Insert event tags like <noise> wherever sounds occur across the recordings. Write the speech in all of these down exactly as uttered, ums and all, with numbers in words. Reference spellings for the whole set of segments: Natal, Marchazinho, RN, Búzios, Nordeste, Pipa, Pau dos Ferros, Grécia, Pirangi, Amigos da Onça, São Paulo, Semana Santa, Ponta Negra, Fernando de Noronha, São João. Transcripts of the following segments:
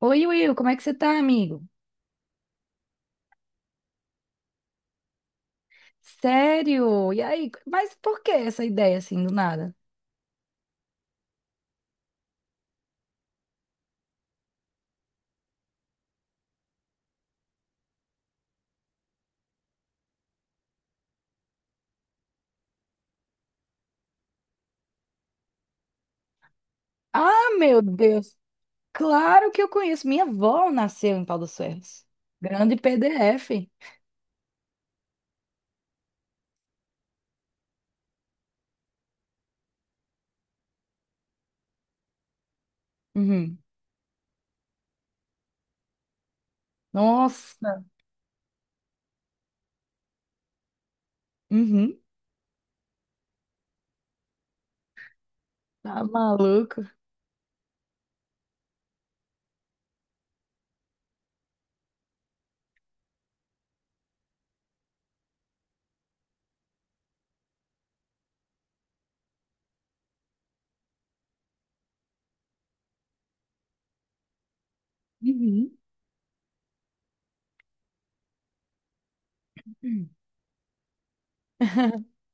Oi, Will, como é que você tá, amigo? Sério? E aí? Mas por que essa ideia assim do nada? Ah, meu Deus! Claro que eu conheço. Minha avó nasceu em Pau dos Ferros. Grande P D F. Uhum. Nossa! Uhum. Tá maluco? Uhum. Uhum. <laughs>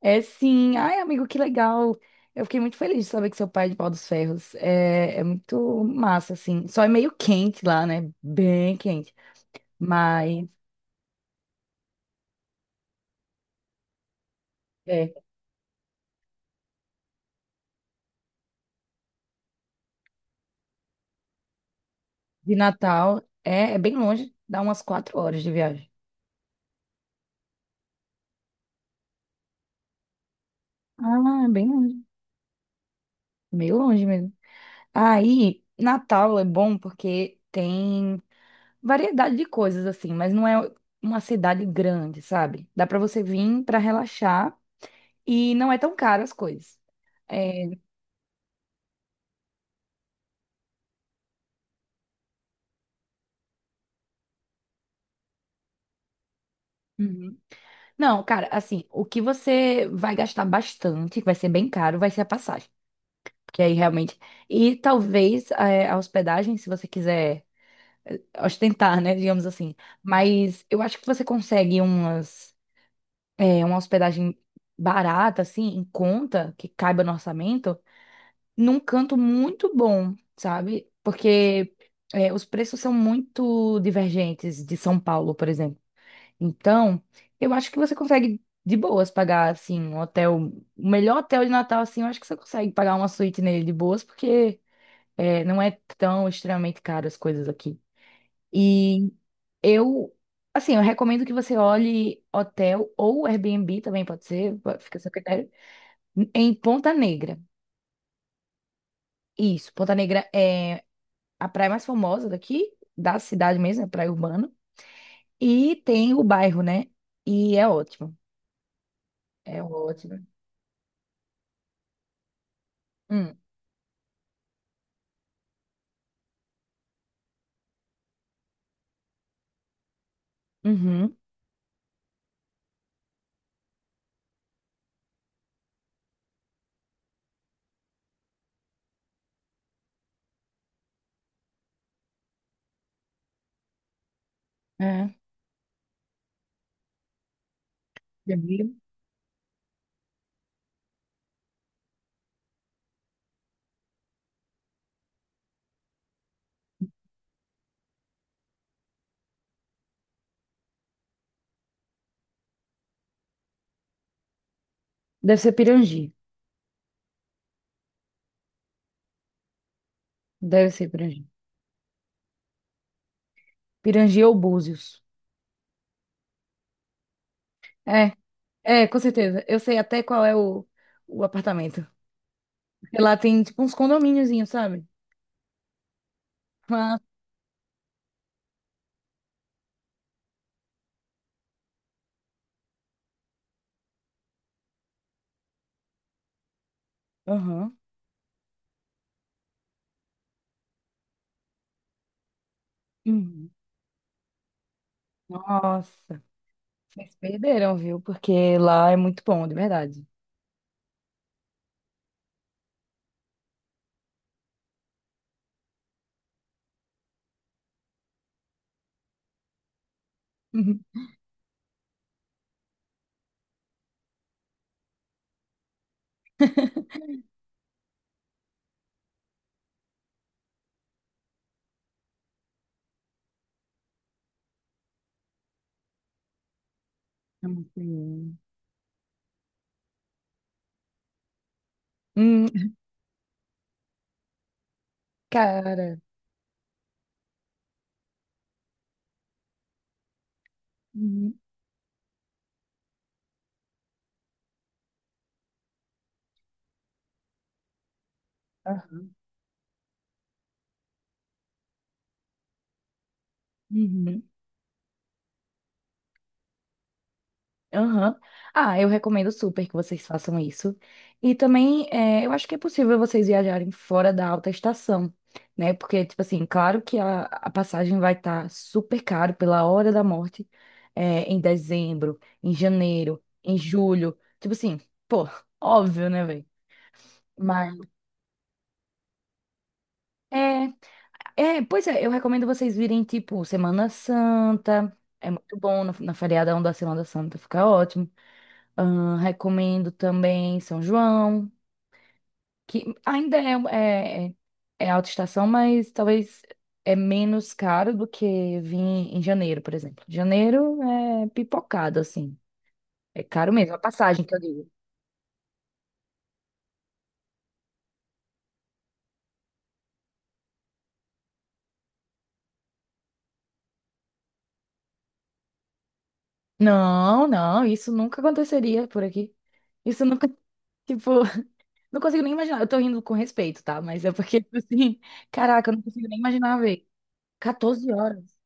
É sim. Ai, amigo, que legal. Eu fiquei muito feliz de saber que seu pai é de Pau dos Ferros. É, é muito massa, assim. Só é meio quente lá, né? Bem quente. Mas. É. De Natal é, é bem longe, dá umas quatro horas de viagem. Ah, é bem longe. Meio longe mesmo. Aí, Natal é bom porque tem variedade de coisas assim, mas não é uma cidade grande, sabe? Dá pra você vir pra relaxar e não é tão caro as coisas. É, uhum. Não, cara, assim, o que você vai gastar bastante, que vai ser bem caro, vai ser a passagem. Porque aí realmente. E talvez é, a hospedagem, se você quiser ostentar, né, digamos assim. Mas eu acho que você consegue umas, é, uma hospedagem barata, assim, em conta, que caiba no orçamento, num canto muito bom, sabe? Porque é, os preços são muito divergentes de São Paulo, por exemplo. Então, eu acho que você consegue de boas pagar, assim, um hotel, o melhor hotel de Natal, assim, eu acho que você consegue pagar uma suíte nele de boas, porque é, não é tão extremamente caro as coisas aqui. E eu, assim, eu recomendo que você olhe hotel ou Airbnb também pode ser, pode- fica a seu critério, em Ponta Negra. Isso, Ponta Negra é a praia mais famosa daqui, da cidade mesmo, é praia urbana. E tem o bairro, né? E é ótimo. É ótimo. Hum, uhum, é. Pirangi. Deve ser Pirangi. Deve ser Pirangi. Pirangi ou Búzios. É, é, com certeza. Eu sei até qual é o, o apartamento. Porque lá tem, tipo, uns condomíniozinhos, sabe? Aham. Uhum. Nossa, vocês perderam, viu? Porque lá é muito bom, de verdade. Uhum. É muito bom. Hum, cara. Uhum. Aham. Uhum. Aham. Ah, eu recomendo super que vocês façam isso. E também, é, eu acho que é possível vocês viajarem fora da alta estação, né? Porque, tipo assim, claro que a, a passagem vai estar super caro pela hora da morte, é, em dezembro, em janeiro, em julho. Tipo assim, pô, óbvio, né, velho? Mas é, é, pois é, eu recomendo vocês virem tipo Semana Santa. É muito bom na, na, feriadão da Semana Santa, fica ótimo. Ahn, recomendo também São João, que ainda é, é, é alta estação, mas talvez é menos caro do que vir em janeiro, por exemplo. Janeiro é pipocado, assim. É caro mesmo, a passagem que eu digo. Não, não, isso nunca aconteceria por aqui. Isso nunca. <laughs> Tipo, não consigo nem imaginar. Eu tô rindo com respeito, tá? Mas é porque, <laughs> tipo assim, caraca, eu não consigo nem imaginar ver. Quatorze horas.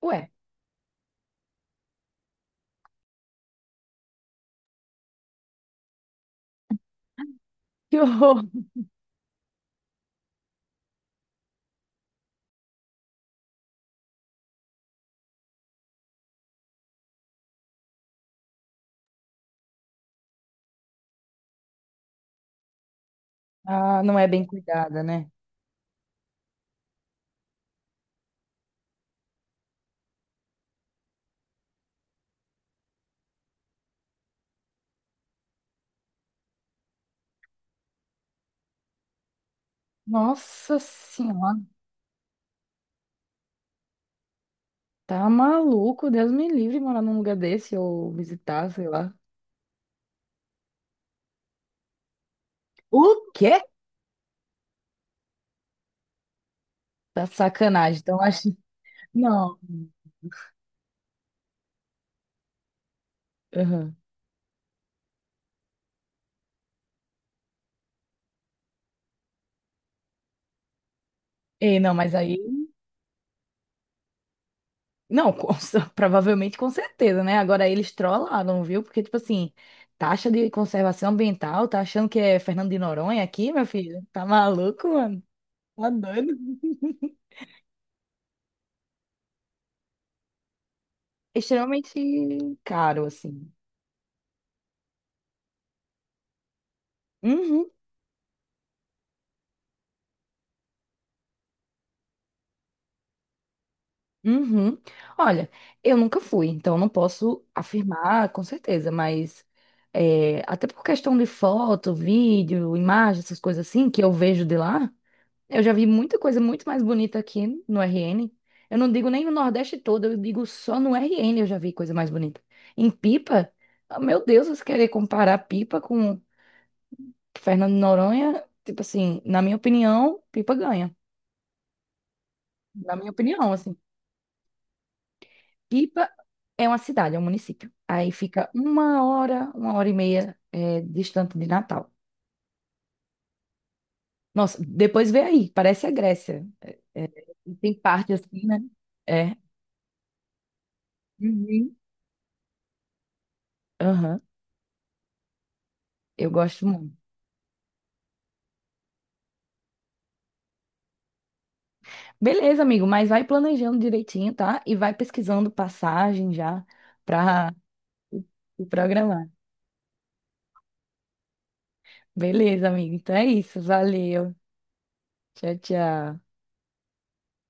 Ué, que horror. Ah, não é bem cuidada, né? Nossa senhora, tá maluco? Deus me livre morar num lugar desse ou visitar, sei lá. O quê? Tá sacanagem. Então, acho. Não. Aham. Ei, não, mas aí. Não, com cer- <laughs> provavelmente com certeza, né? Agora eles trollaram, viu? Porque, tipo assim, taxa de conservação ambiental, tá achando que é Fernando de Noronha aqui, meu filho? Tá maluco, mano? Tá doido? <laughs> Extremamente caro, assim. Uhum, uhum. Olha, eu nunca fui, então não posso afirmar com certeza, mas é, até por questão de foto, vídeo, imagem, essas coisas assim, que eu vejo de lá. Eu já vi muita coisa muito mais bonita aqui no R N. Eu não digo nem no Nordeste todo, eu digo só no R N eu já vi coisa mais bonita. Em Pipa, ah, meu Deus, você querer comparar Pipa com Fernando de Noronha, tipo assim, na minha opinião, Pipa ganha. Na minha opinião, assim, Pipa é uma cidade, é um município. Aí fica uma hora, uma hora e meia eh, distante de Natal. Nossa, depois vê aí, parece a Grécia. É, é, tem parte assim, né? É. Uhum. Aham. Eu gosto muito. Beleza, amigo, mas vai planejando direitinho, tá? E vai pesquisando passagem já para se programar. Beleza, amigo. Então é isso. Valeu. Tchau, tchau.